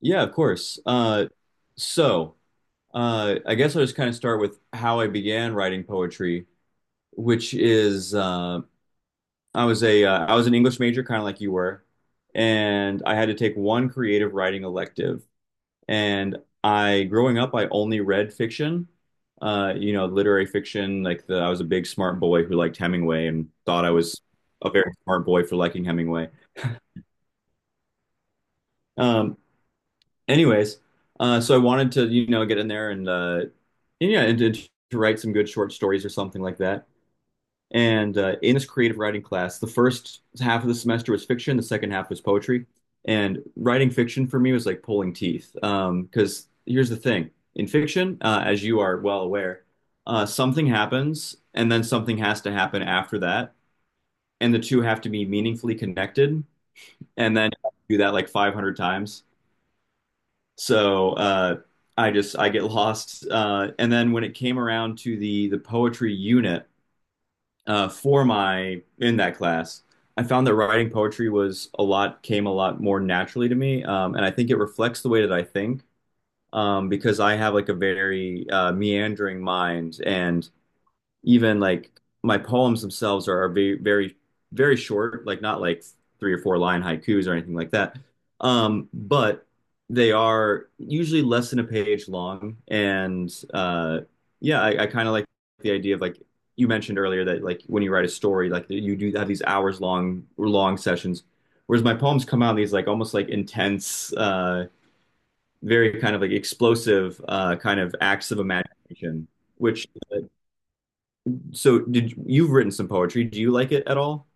Yeah, of course. So, I guess I'll just kind of start with how I began writing poetry, which is I was a I was an English major, kind of like you were, and I had to take one creative writing elective. And I, growing up, I only read fiction, literary fiction. Like I was a big smart boy who liked Hemingway and thought I was a very smart boy for liking Hemingway. Um, anyways, so I wanted to, you know, get in there and, and to write some good short stories or something like that. And in this creative writing class, the first half of the semester was fiction, the second half was poetry. And writing fiction for me was like pulling teeth. Because here's the thing, in fiction, as you are well aware, something happens, and then something has to happen after that, and the two have to be meaningfully connected. And then do that like 500 times. So I just I get lost. And then when it came around to the poetry unit for my in that class, I found that writing poetry was a lot came a lot more naturally to me, and I think it reflects the way that I think, because I have like a very meandering mind, and even like my poems themselves are very very short, like not like three or four line haikus or anything like that. But they are usually less than a page long, and yeah, I kind of like the idea of like you mentioned earlier that like when you write a story, like you do have these hours long sessions, whereas my poems come out in these like almost like intense, very kind of like explosive kind of acts of imagination, which uh, so did you've written some poetry? Do you like it at all?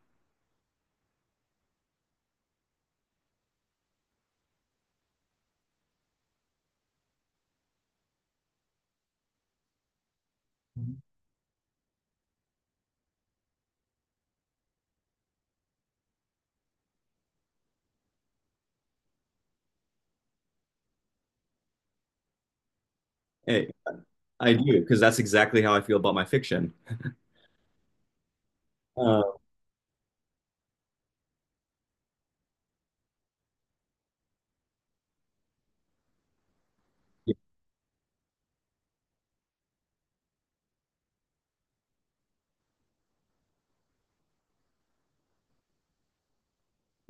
Hey, I do because that's exactly how I feel about my fiction. Uh,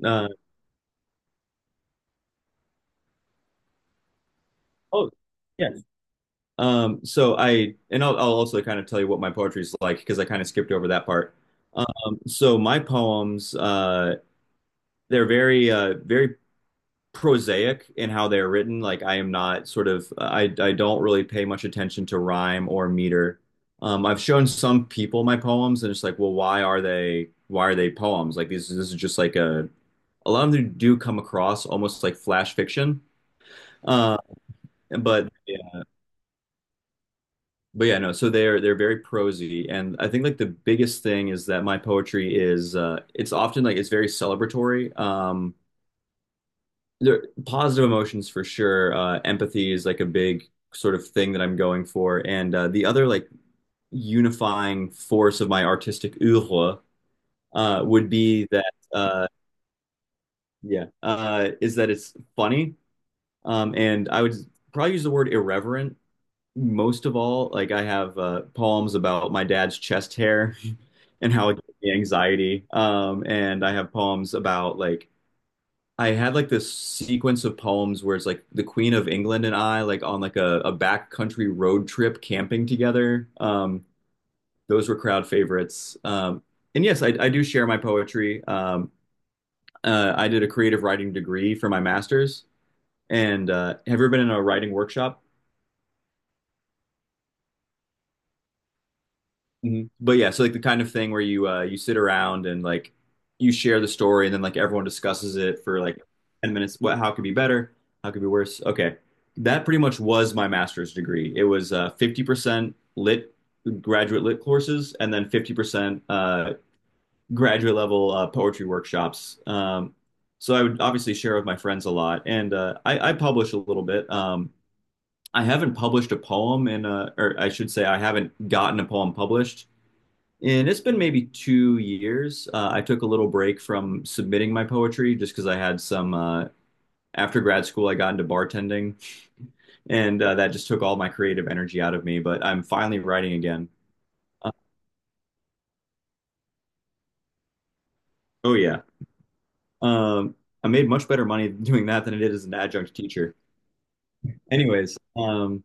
uh, oh, yes. So I'll also kind of tell you what my poetry is like because I kind of skipped over that part. So my poems, they're very, very prosaic in how they're written. Like I am not sort of I don't really pay much attention to rhyme or meter. I've shown some people my poems and it's like, well, why are they poems? Like this is just like a lot of them do come across almost like flash fiction. Uh, but yeah, but yeah, no. So they're very prosy, and I think like the biggest thing is that my poetry is it's often like it's very celebratory. There positive emotions for sure. Empathy is like a big sort of thing that I'm going for, and the other like unifying force of my artistic oeuvre would be that yeah is that it's funny, and I would probably use the word irreverent most of all. Like I have poems about my dad's chest hair and how it gives me anxiety, and I have poems about I had like this sequence of poems where it's like the Queen of England and I like on like a backcountry road trip camping together. Those were crowd favorites. And yes, I do share my poetry. I did a creative writing degree for my master's. And have you ever been in a writing workshop? Mhm. But yeah, so like the kind of thing where you you sit around and like you share the story and then like everyone discusses it for like 10 minutes. What how could be better? How could be worse? Okay. That pretty much was my master's degree. It was 50% lit graduate lit courses and then 50% graduate level poetry workshops. So I would obviously share with my friends a lot and I publish a little bit. I haven't published a poem in a, or I should say I haven't gotten a poem published and it's been maybe 2 years. I took a little break from submitting my poetry just because I had some, after grad school, I got into bartending, and that just took all my creative energy out of me. But I'm finally writing again. Uh, oh, yeah. Um, I made much better money doing that than I did as an adjunct teacher. Anyways, um,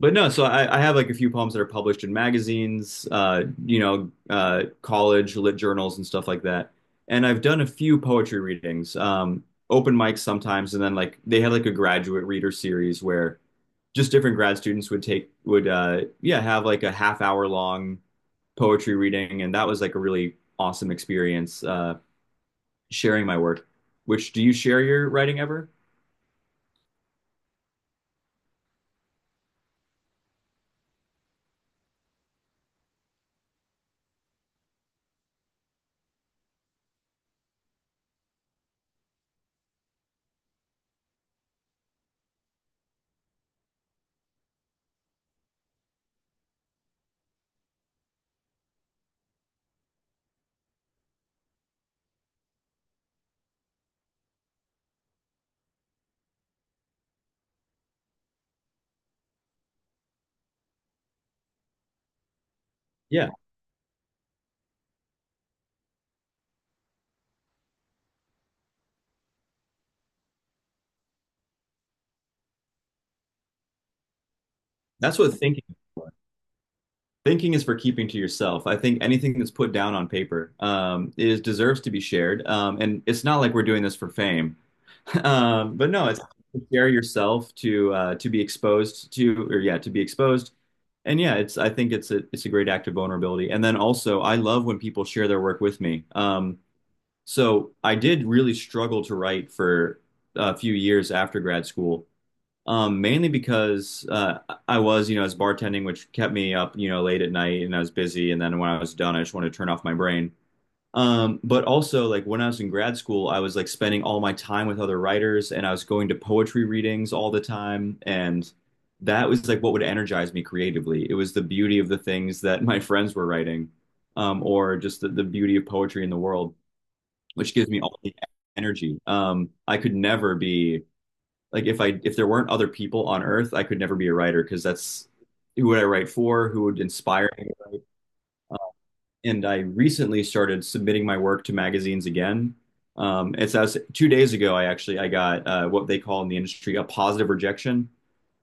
But no, so I have like a few poems that are published in magazines, college lit journals and stuff like that. And I've done a few poetry readings, open mics sometimes, and then like they had like a graduate reader series where just different grad students would take would yeah have like a half hour long poetry reading, and that was like a really awesome experience sharing my work. Which do you share your writing ever? Yeah, that's what thinking. Thinking is for keeping to yourself. I think anything that's put down on paper is deserves to be shared, and it's not like we're doing this for fame. But no, it's to share yourself to be exposed to, or yeah, to be exposed. And yeah, it's I think it's a great act of vulnerability. And then also, I love when people share their work with me. So I did really struggle to write for a few years after grad school. Mainly because I was, you know, I was bartending, which kept me up, you know, late at night and I was busy. And then when I was done, I just wanted to turn off my brain. But also, like when I was in grad school, I was like spending all my time with other writers and I was going to poetry readings all the time. And that was like what would energize me creatively. It was the beauty of the things that my friends were writing, or just the beauty of poetry in the world, which gives me all the energy. I could never be like if there weren't other people on Earth, I could never be a writer because that's who would I write for, who would inspire me to write. And I recently started submitting my work to magazines again. It's as 2 days ago, I actually I got what they call in the industry a positive rejection,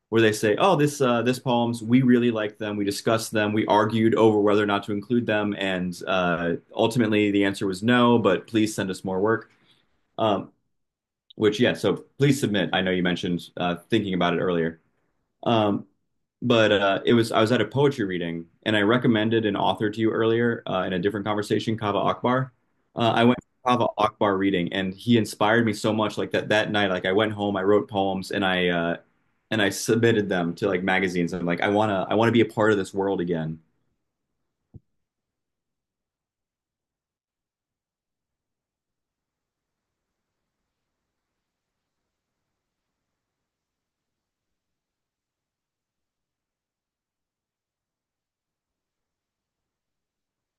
where they say, "Oh, this poems we really liked them, we discussed them, we argued over whether or not to include them, and ultimately the answer was no, but please send us more work." Um, which yeah, so please submit. I know you mentioned thinking about it earlier. Um, but It was I was at a poetry reading and I recommended an author to you earlier in a different conversation, Kava Akbar. I went to Kava Akbar reading and he inspired me so much like that night like I went home, I wrote poems and I submitted them to like magazines. I'm like I want to be a part of this world again.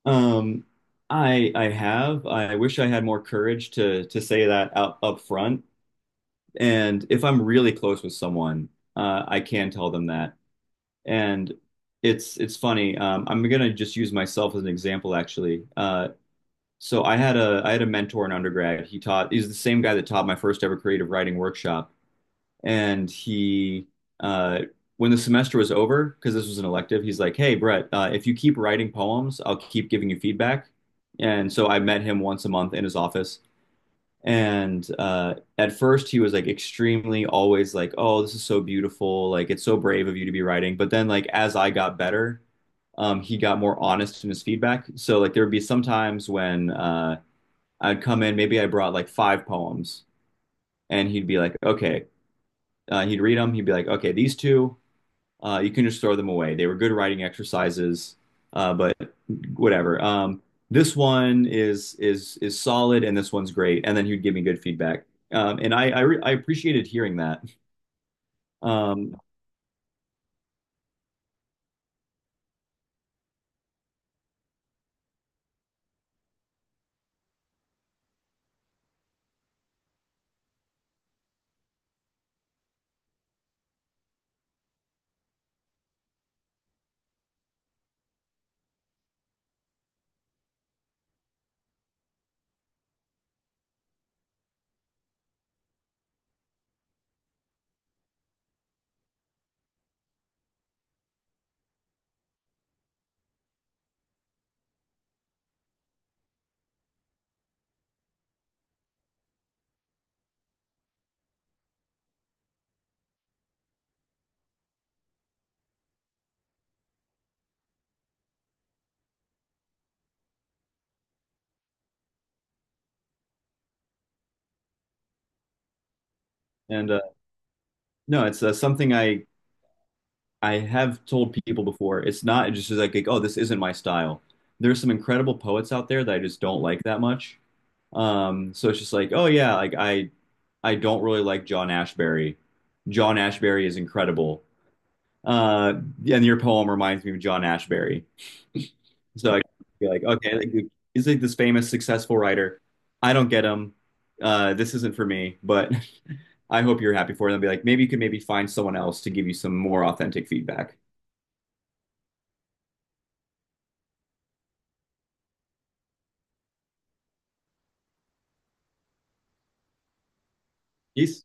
Um, I have. I wish I had more courage to say that out up front. And if I'm really close with someone, I can tell them that. And it's funny. I'm gonna just use myself as an example, actually. So I had a mentor in undergrad. He taught. He's the same guy that taught my first ever creative writing workshop and he uh, when the semester was over, because this was an elective, he's like, "Hey, Brett, if you keep writing poems, I'll keep giving you feedback." And so I met him once a month in his office. And at first, he was like extremely always like, "Oh, this is so beautiful! Like, it's so brave of you to be writing." But then, like as I got better, he got more honest in his feedback. So like there would be some times when I'd come in, maybe I brought like five poems, and he'd be like, "Okay, he'd read them. He'd be like, okay, these two, you can just throw them away. They were good writing exercises, but whatever. This one is solid, and this one's great. And then he'd give me good feedback, and I appreciated hearing that. Um, and No, it's something I have told people before. It's not just like, oh, this isn't my style. There's some incredible poets out there that I just don't like that much. So it's just like, oh yeah, I don't really like John Ashbery. John Ashbery is incredible. Uh, and your poem reminds me of John Ashbery. So I feel like, okay, like, he's like this famous, successful writer. I don't get him. This isn't for me, but I hope you're happy for them. Be like, maybe you could maybe find someone else to give you some more authentic feedback. Peace.